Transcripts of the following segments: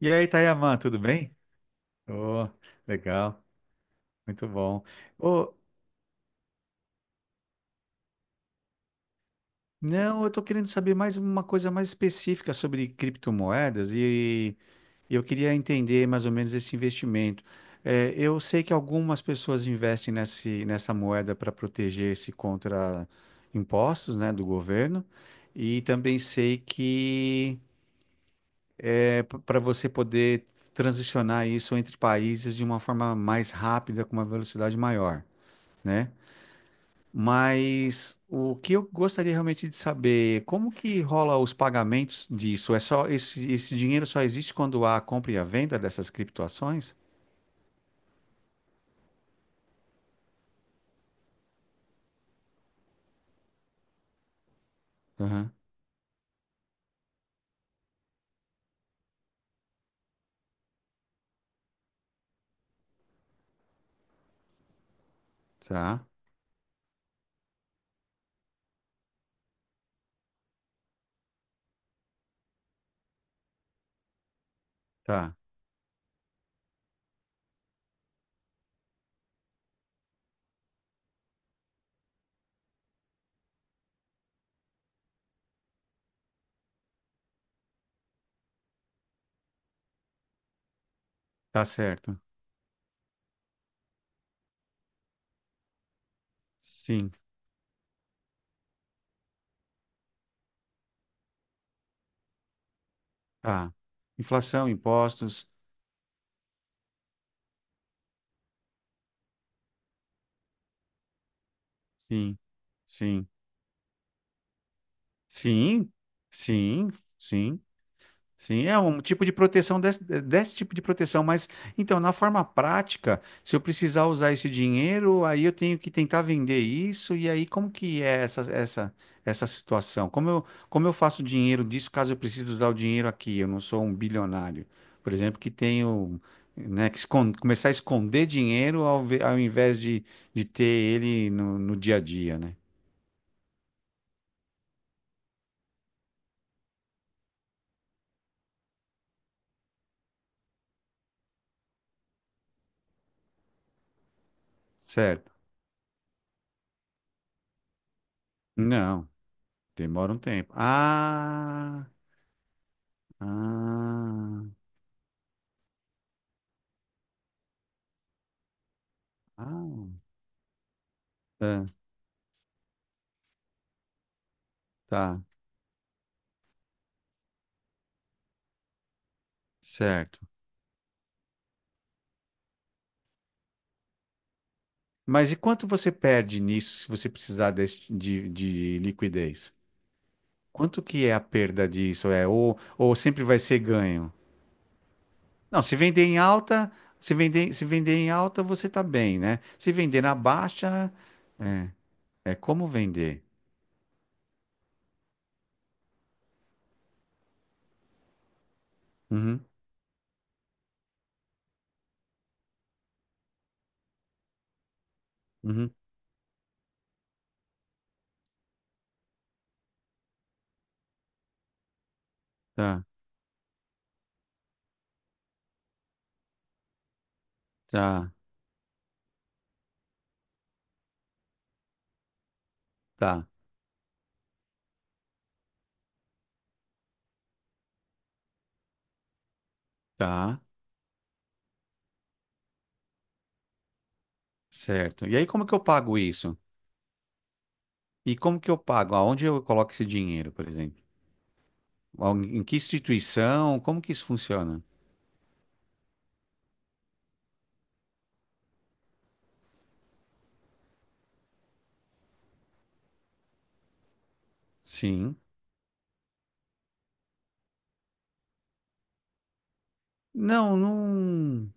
E aí, Tayaman, tudo bem? Oh, legal, muito bom. Oh, não, eu estou querendo saber mais uma coisa mais específica sobre criptomoedas e eu queria entender mais ou menos esse investimento. Eu sei que algumas pessoas investem nessa moeda para proteger-se contra impostos, né, do governo, e também sei que para você poder transicionar isso entre países de uma forma mais rápida, com uma velocidade maior, né? Mas o que eu gostaria realmente de saber, como que rola os pagamentos disso? É só esse dinheiro só existe quando há a compra e a venda dessas criptoações? Aham. Tá, tá, tá certo. Sim, tá. Inflação, impostos, sim, sim, sim, sim, sim. Sim, é um tipo de proteção desse tipo de proteção, mas então, na forma prática, se eu precisar usar esse dinheiro, aí eu tenho que tentar vender isso, e aí como que é essa situação? Como eu faço dinheiro disso caso eu precise usar o dinheiro aqui? Eu não sou um bilionário, por exemplo, que tenho, né, começar a esconder dinheiro ao invés de ter ele no dia a dia, né? Certo? Não, demora um tempo. Ah, ah. Ah, tá, tá, certo. Mas e quanto você perde nisso se você precisar de liquidez? Quanto que é a perda disso? É, ou sempre vai ser ganho? Não, se vender em alta, se vender em alta, você tá bem, né? Se vender na baixa, é, é como vender. Uhum, uhum, tá, tá, tá, tá, certo. E aí como que eu pago isso? E como que eu pago? Aonde eu coloco esse dinheiro, por exemplo? Al- Em que instituição? Como que isso funciona? Sim. Não, não,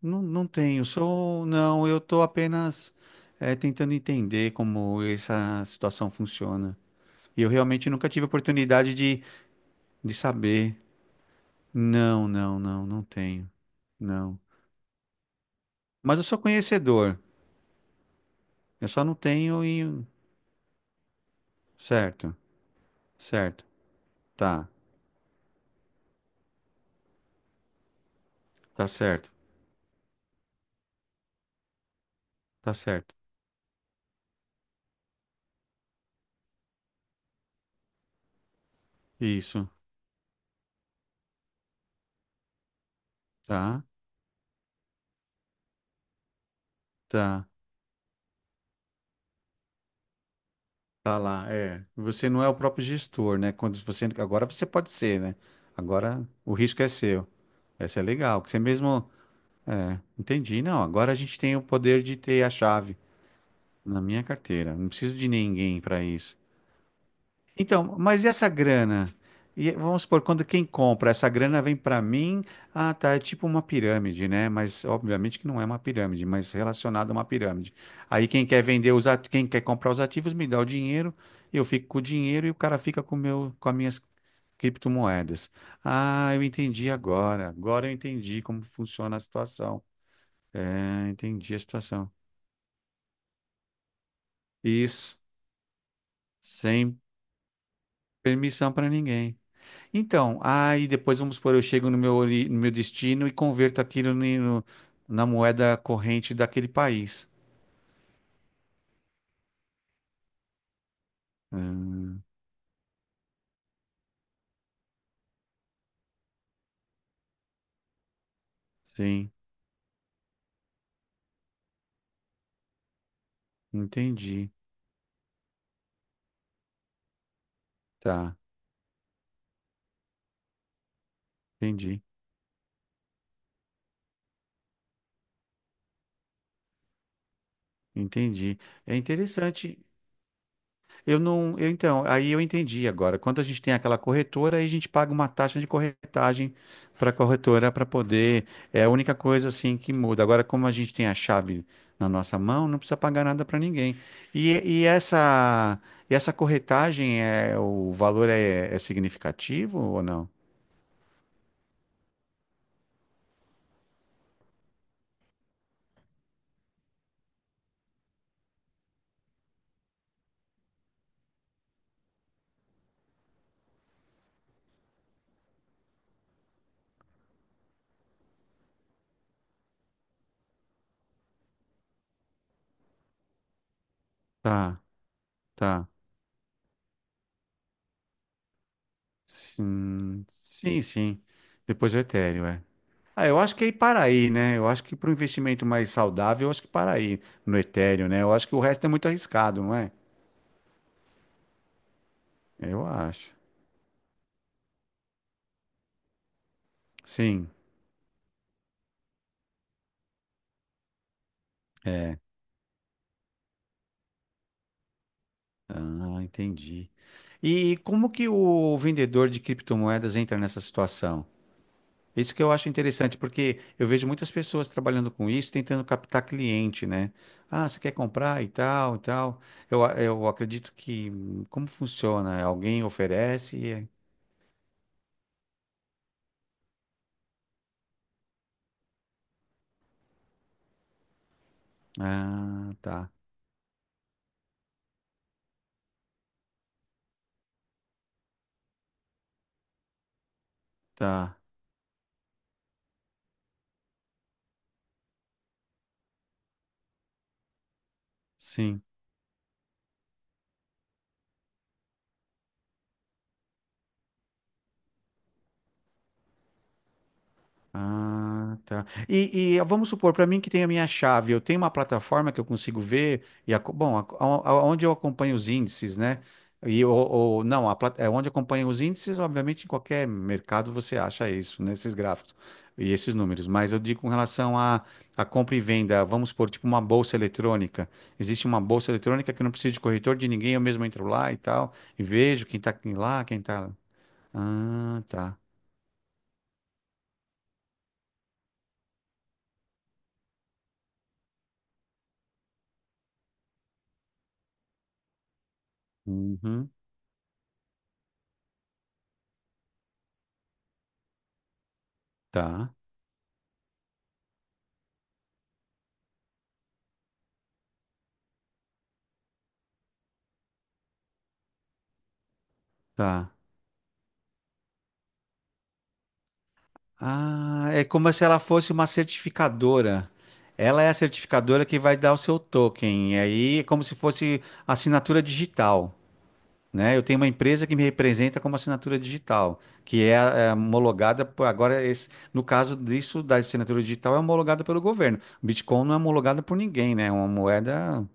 não, não tenho. Não, eu estou apenas tentando entender como essa situação funciona. E eu realmente nunca tive oportunidade de saber. Não, não, não, não tenho. Não. Mas eu sou conhecedor. Eu só não tenho e. Certo, certo. Tá, tá certo, tá certo. Isso. Tá, tá. Tá lá, é. Você não é o próprio gestor, né? Quando você agora você pode ser, né? Agora o risco é seu. Essa é legal, que você mesmo, é, entendi. Não, agora a gente tem o poder de ter a chave na minha carteira. Não preciso de ninguém para isso. Então, mas e essa grana? E, vamos supor, quando quem compra, essa grana vem para mim. Ah, tá, é tipo uma pirâmide, né? Mas obviamente que não é uma pirâmide, mas relacionada a uma pirâmide. Aí quem quer vender os ativos, quem quer comprar os ativos me dá o dinheiro, eu fico com o dinheiro e o cara fica com o meu, com as minhas criptomoedas. Ah, eu entendi agora. Agora eu entendi como funciona a situação. Ah, entendi a situação. Isso, sem permissão para ninguém. Então, aí depois vamos supor, eu chego no meu destino e converto aquilo na moeda corrente daquele país. Hum, sim, entendi. Tá, entendi, entendi. É interessante. Eu não, eu então, aí eu entendi agora. Quando a gente tem aquela corretora, aí a gente paga uma taxa de corretagem para a corretora para poder. É a única coisa assim que muda. Agora, como a gente tem a chave na nossa mão, não precisa pagar nada para ninguém. E, e essa, e essa corretagem é o valor é, é significativo ou não? Tá, tá. Sim, sim, sim. Depois o etéreo, é. Ah, eu acho que é ir para aí, né? Eu acho que para um investimento mais saudável, eu acho que para aí no Ethereum, né? Eu acho que o resto é muito arriscado, não é? Eu acho. Sim, é. Ah, entendi. E como que o vendedor de criptomoedas entra nessa situação? Isso que eu acho interessante, porque eu vejo muitas pessoas trabalhando com isso, tentando captar cliente, né? Ah, você quer comprar e tal, e tal. Eu acredito que como funciona? Alguém oferece? E- é. Ah, tá, tá. Sim. Ah, tá. E vamos supor, para mim que tem a minha chave, eu tenho uma plataforma que eu consigo ver, e a, bom, a- onde eu acompanho os índices, né? E o- ou, não, a, plat- é onde acompanho os índices, obviamente, em qualquer mercado você acha isso, né? Esses gráficos e esses números. Mas eu digo com relação a compra e venda, vamos supor, tipo uma bolsa eletrônica. Existe uma bolsa eletrônica que eu não preciso de corretor de ninguém, eu mesmo entro lá e tal, e vejo quem tá aqui lá, quem tá. Ah, tá. Uhum, tá, tá. Ah, é como se ela fosse uma certificadora. Ela é a certificadora que vai dar o seu token. E aí é como se fosse assinatura digital, né? Eu tenho uma empresa que me representa como assinatura digital, que é, é, homologada por no caso disso da assinatura digital é homologada pelo governo. O Bitcoin não é homologado por ninguém, né?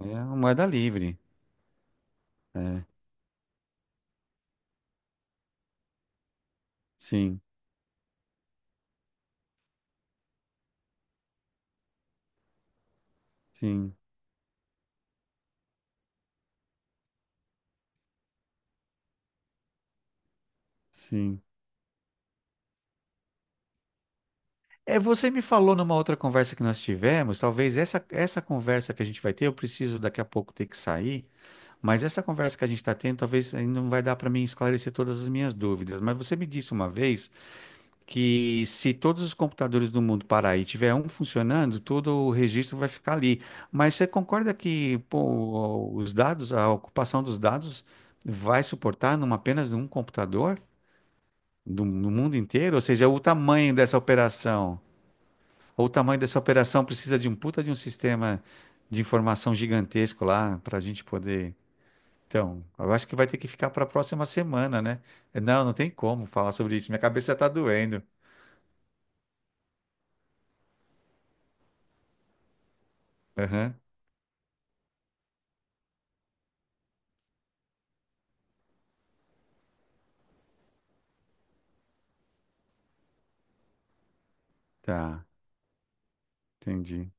É uma moeda livre. É, sim, sim, sim. É, você me falou numa outra conversa que nós tivemos, talvez essa conversa que a gente vai ter, eu preciso daqui a pouco ter que sair, mas essa conversa que a gente está tendo, talvez ainda não vai dar para mim esclarecer todas as minhas dúvidas. Mas você me disse uma vez que se todos os computadores do mundo parar e tiver um funcionando, todo o registro vai ficar ali. Mas você concorda que, pô, os dados, a ocupação dos dados vai suportar numa apenas um computador no mundo inteiro? Ou seja, o tamanho dessa operação? Ou o tamanho dessa operação precisa de um puta de um sistema de informação gigantesco lá para a gente poder. Então, eu acho que vai ter que ficar para a próxima semana, né? Não, não tem como falar sobre isso. Minha cabeça está doendo. Aham, tá, entendi.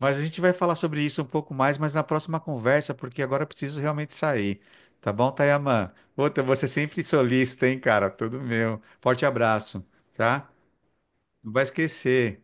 Mas a gente vai falar sobre isso um pouco mais, mas na próxima conversa, porque agora eu preciso realmente sair. Tá bom, Tayaman? Outra, você sempre solista, hein, cara? Tudo meu. Forte abraço, tá? Não vai esquecer.